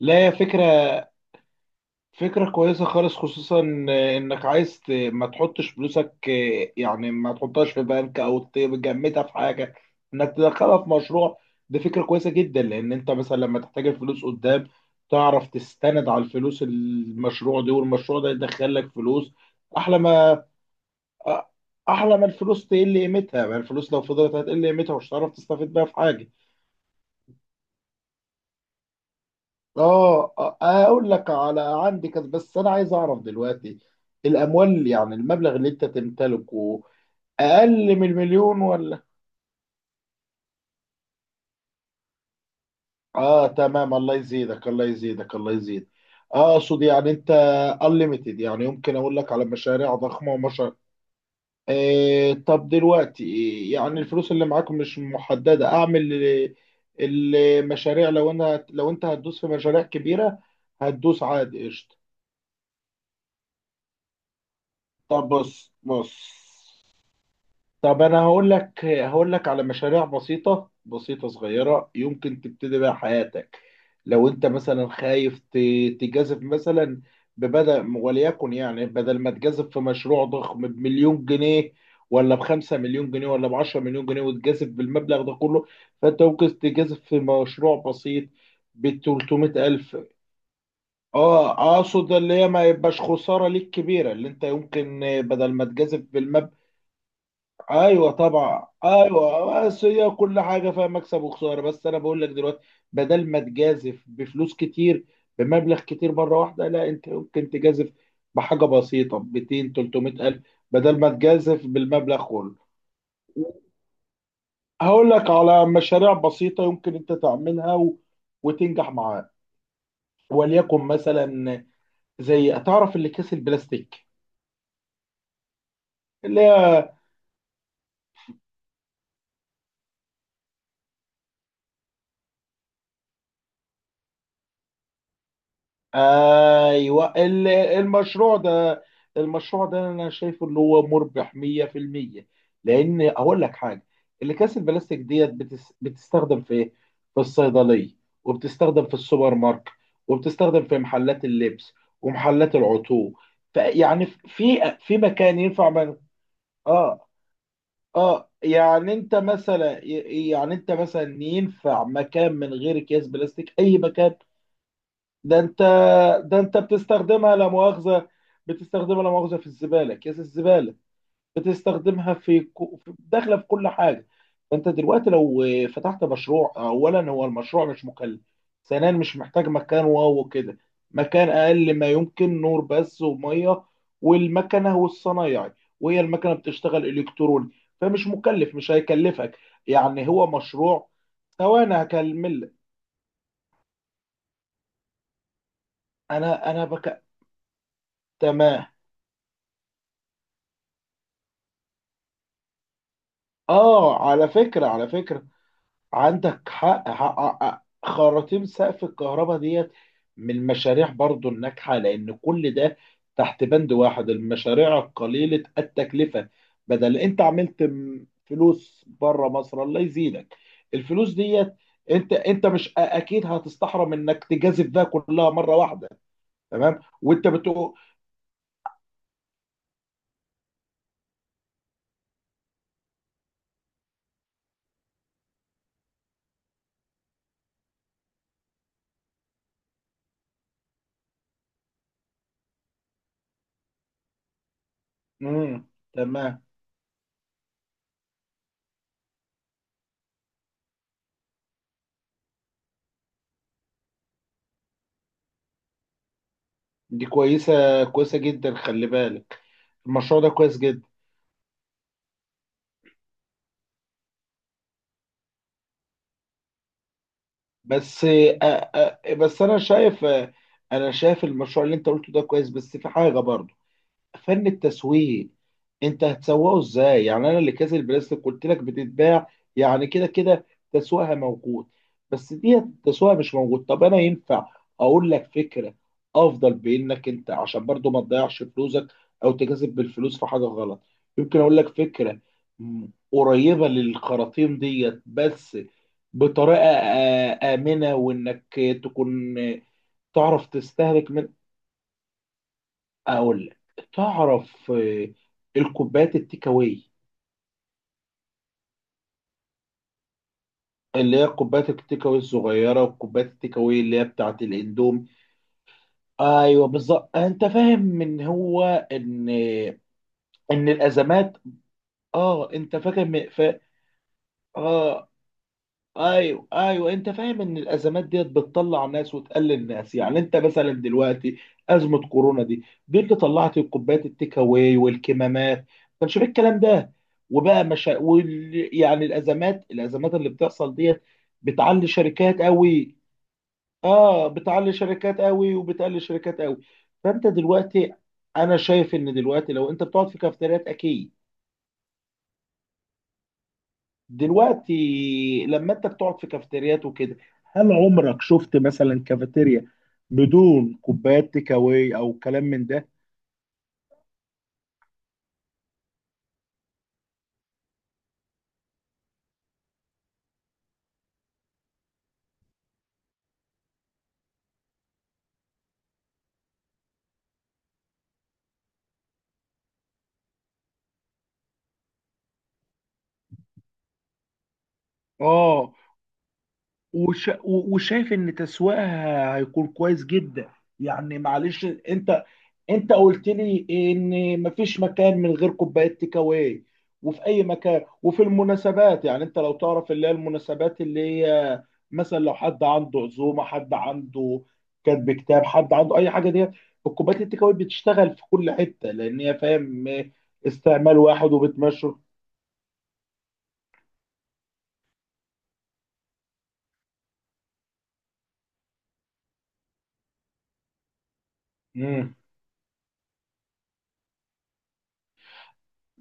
لا، هي فكرة. كويسة خالص، خصوصا انك عايز ما تحطش فلوسك، يعني ما تحطهاش في بنك او تجمدها في حاجة، انك تدخلها في مشروع. دي فكرة كويسة جدا، لان انت مثلا لما تحتاج الفلوس قدام تعرف تستند على الفلوس المشروع دي، والمشروع ده يدخل لك فلوس. احلى ما احلى ما الفلوس تقل قيمتها، ما الفلوس لو فضلت هتقل قيمتها ومش هتعرف تستفيد بيها في حاجة. اقول لك على عندي كذا، بس انا عايز اعرف دلوقتي الاموال، يعني المبلغ اللي انت تمتلكه، اقل من المليون ولا؟ اه تمام، الله يزيدك الله يزيدك الله يزيدك. اقصد يعني انت unlimited، يعني يمكن اقول لك على مشاريع ضخمه ومشاريع. طب دلوقتي، يعني الفلوس اللي معاك مش محدده، اعمل المشاريع. لو انت هتدوس في مشاريع كبيره هتدوس عادي، قشطه. طب بص طب انا هقول لك على مشاريع بسيطه صغيره يمكن تبتدي بيها حياتك. لو انت مثلا خايف تجازف مثلا، ببدأ وليكن، يعني بدل ما تجازف في مشروع ضخم بمليون جنيه، ولا بخمسة مليون جنيه، ولا بعشرة مليون جنيه، وتجازف بالمبلغ ده كله، فانت ممكن تجازف في مشروع بسيط بتلتمية ألف. اه، اقصد اللي هي ما يبقاش خسارة ليك كبيرة، اللي انت يمكن بدل ما تجازف بالمبلغ. ايوه طبعا ايوه، بس هي كل حاجه فيها مكسب وخساره، بس انا بقول لك دلوقتي بدل ما تجازف بفلوس كتير، بمبلغ كتير مره واحده، لا انت ممكن تجازف بحاجه بسيطه، 200 300 الف، بدل ما تجازف بالمبلغ كله. هقول لك على مشاريع بسيطه يمكن انت تعملها وتنجح معاك. وليكن مثلا زي، تعرف اللي كيس البلاستيك؟ اللي هي، ايوه. المشروع ده، المشروع ده انا شايفه ان هو مربح 100%، لان اقول لك حاجه، الاكياس البلاستيك ديت بتستخدم في ايه؟ في الصيدليه، وبتستخدم في السوبر ماركت، وبتستخدم في محلات اللبس، ومحلات العطور. فيعني في مكان ينفع من؟ اه. اه، يعني انت مثلا، ينفع مكان من غير اكياس بلاستيك؟ اي مكان. ده انت ده انت بتستخدمها لا مؤاخذه، بتستخدمها لا مؤاخذه في الزباله، كيس الزباله، بتستخدمها في داخله في كل حاجه. فانت دلوقتي لو فتحت مشروع، اولا هو المشروع مش مكلف، ثانيا مش محتاج مكان وكده، مكان اقل ما يمكن، نور بس وميه والمكنه والصنايعي، وهي المكنه بتشتغل الكتروني، فمش مكلف مش هيكلفك، يعني هو مشروع. ثواني هكمل لك. انا انا، بك تمام اه على فكرة على فكرة عندك حق حق. خراطيم سقف الكهرباء ديت من المشاريع برضو الناجحة، لأن كل ده تحت بند واحد، المشاريع القليلة التكلفة. بدل أنت عملت فلوس بره مصر، الله يزيدك، الفلوس ديت، أنت مش أكيد هتستحرم إنك تجازف بها كلها مرة واحدة. تمام، وأنت بتقول. مم. تمام، دي كويسة جدا، خلي بالك. المشروع ده كويس جدا، بس بس انا شايف، انا شايف المشروع اللي انت قلته ده كويس، بس في حاجه برضه، فن التسويق. انت هتسوقه ازاي؟ يعني انا اللي كاس البلاستيك قلت لك بتتباع، يعني كده كده تسويقها موجود، بس دي تسويقها مش موجود. طب انا ينفع اقول لك فكره افضل، بانك انت عشان برضو ما تضيعش فلوسك او تكسب بالفلوس في حاجه غلط. يمكن اقول لك فكره م- قريبه للخراطيم ديت، بس بطريقه امنه، وانك تكون تعرف تستهلك من. اقول لك، تعرف الكوبايات التيك اواي؟ اللي هي كوبايات التيك اواي الصغيره، وكوبايات التيك اواي اللي هي بتاعه الاندوم. ايوه بالظبط، انت فاهم ان هو، ان ان الازمات. اه، انت فاكر اه. ايوه ايوه، انت فاهم ان الازمات ديت بتطلع ناس وتقلل ناس، يعني انت مثلا دلوقتي ازمه كورونا دي اللي طلعت الكوبايات التيك اواي والكمامات، ما كانش فيه الكلام ده، وبقى مشا يعني الازمات، الازمات اللي بتحصل ديت بتعلي شركات قوي. اه، بتعلي شركات قوي وبتقلل شركات قوي. فانت دلوقتي، انا شايف ان دلوقتي لو انت بتقعد في كافتريات اكيد، دلوقتي لما انت بتقعد في كافيتريات وكده، هل عمرك شفت مثلا كافيتيريا بدون كوبايات تيك اواي او كلام من ده؟ اه. وش... و- وشايف ان تسويقها هيكون كويس جدا. يعني معلش انت، انت قلت لي ان مفيش مكان من غير كوبايات تيكاواي وفي اي مكان وفي المناسبات، يعني انت لو تعرف اللي هي المناسبات، اللي هي مثلا لو حد عنده عزومه، حد عنده كاتب كتاب، حد عنده اي حاجه ديت، الكوبايات التيكاواي بتشتغل في كل حته، لان هي فاهم، استعمال واحد وبتمشي. مم.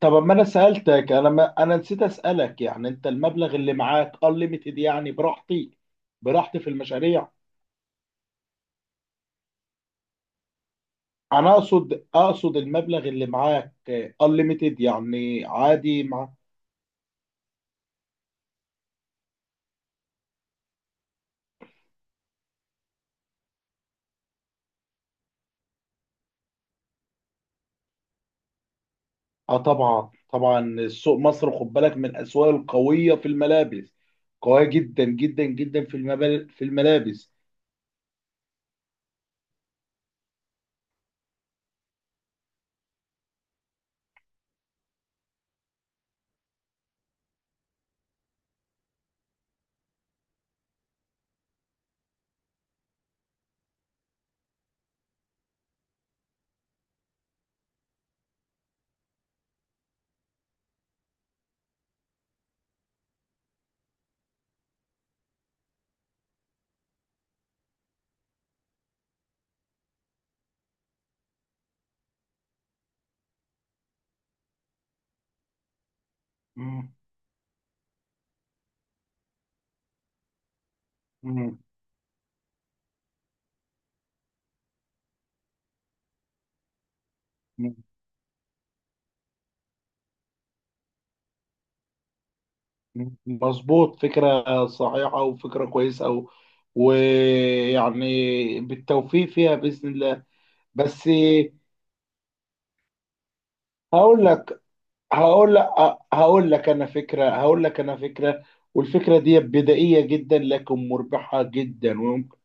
طب اما انا سالتك، انا ما انا نسيت اسالك، يعني انت المبلغ اللي معاك unlimited يعني، براحتي براحتي في المشاريع؟ انا اقصد المبلغ اللي معاك unlimited، يعني عادي. مع، اه طبعا طبعا، سوق مصر خد بالك من الاسواق القويه في الملابس، قويه جدا جدا جدا في في الملابس. مم. مم. مم. مظبوط، فكره صحيحه وفكره كويسه ويعني بالتوفيق فيها باذن الله. بس. هقول لك هقول لك هقول لك انا فكره، والفكره دي بدائيه جدا لكن مربحه جدا وممكن.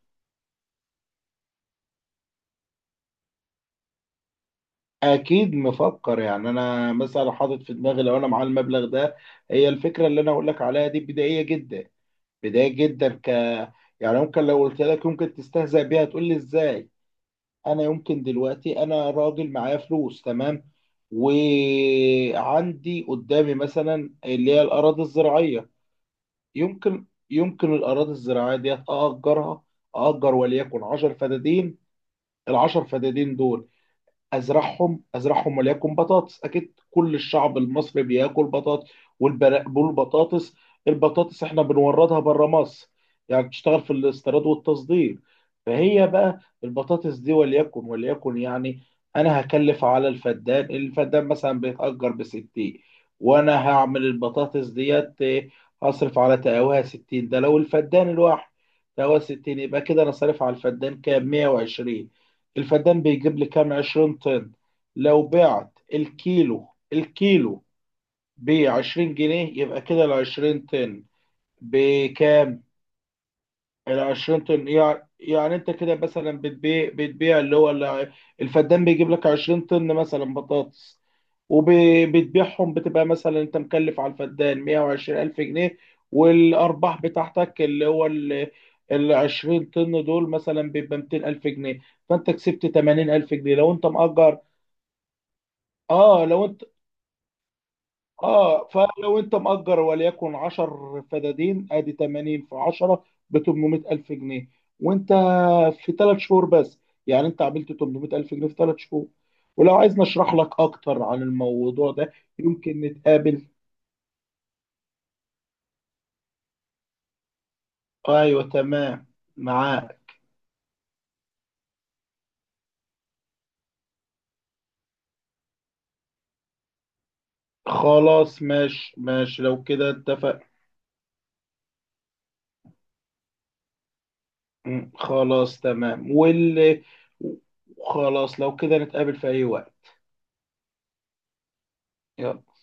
اكيد مفكر، يعني انا مثلا حاطط في دماغي لو انا معايا المبلغ ده، هي الفكره اللي انا اقول لك عليها دي بدائيه جدا بدائيه جدا ك يعني ممكن لو قلت لك ممكن تستهزأ بيها تقول لي ازاي. انا يمكن دلوقتي، انا راجل معايا فلوس تمام، وعندي قدامي مثلا اللي هي الاراضي الزراعيه، يمكن الأراضي الزراعية دي أأجرها، أأجر وليكن 10 فدادين، العشر فدادين دول ازرعهم وليكن بطاطس، اكيد كل الشعب المصري بياكل بطاطس. والبطاطس، البطاطس احنا بنوردها بره مصر، يعني بتشتغل في الاستيراد والتصدير. فهي بقى البطاطس دي وليكن يعني، انا هكلف على الفدان، الفدان مثلا بيتأجر بستين، وانا هعمل البطاطس ديت هصرف على تقاوها ستين، ده لو الفدان الواحد تقاوها ستين، يبقى كده انا صارف على الفدان كام، مية وعشرين. الفدان بيجيب لي كام، 20 طن. لو بعت الكيلو، الكيلو ب 20 جنيه، يبقى كده ال 20 طن بكام؟ ال 20 طن، يعني انت كده مثلا بتبيع اللي هو الفدان بيجيب لك 20 طن مثلا بطاطس، وبتبيعهم بتبقى مثلا انت مكلف على الفدان 120 ألف جنيه، والأرباح بتاعتك اللي هو ال 20 طن دول مثلا بيبقى 200 ألف جنيه. فأنت كسبت 80 ألف جنيه لو أنت مأجر. اه، لو انت، اه فلو انت مأجر وليكن 10 فدادين، ادي 80 في 10 ب 800 الف جنيه، وانت في ثلاث شهور بس، يعني انت عملت 800 الف جنيه في ثلاث شهور. ولو عايز نشرح لك اكتر عن الموضوع ده يمكن نتقابل. ايوه تمام، معاك. خلاص ماشي ماشي، لو كده اتفق. مم، خلاص تمام، واللي، خلاص لو كده نتقابل في اي وقت. يلا.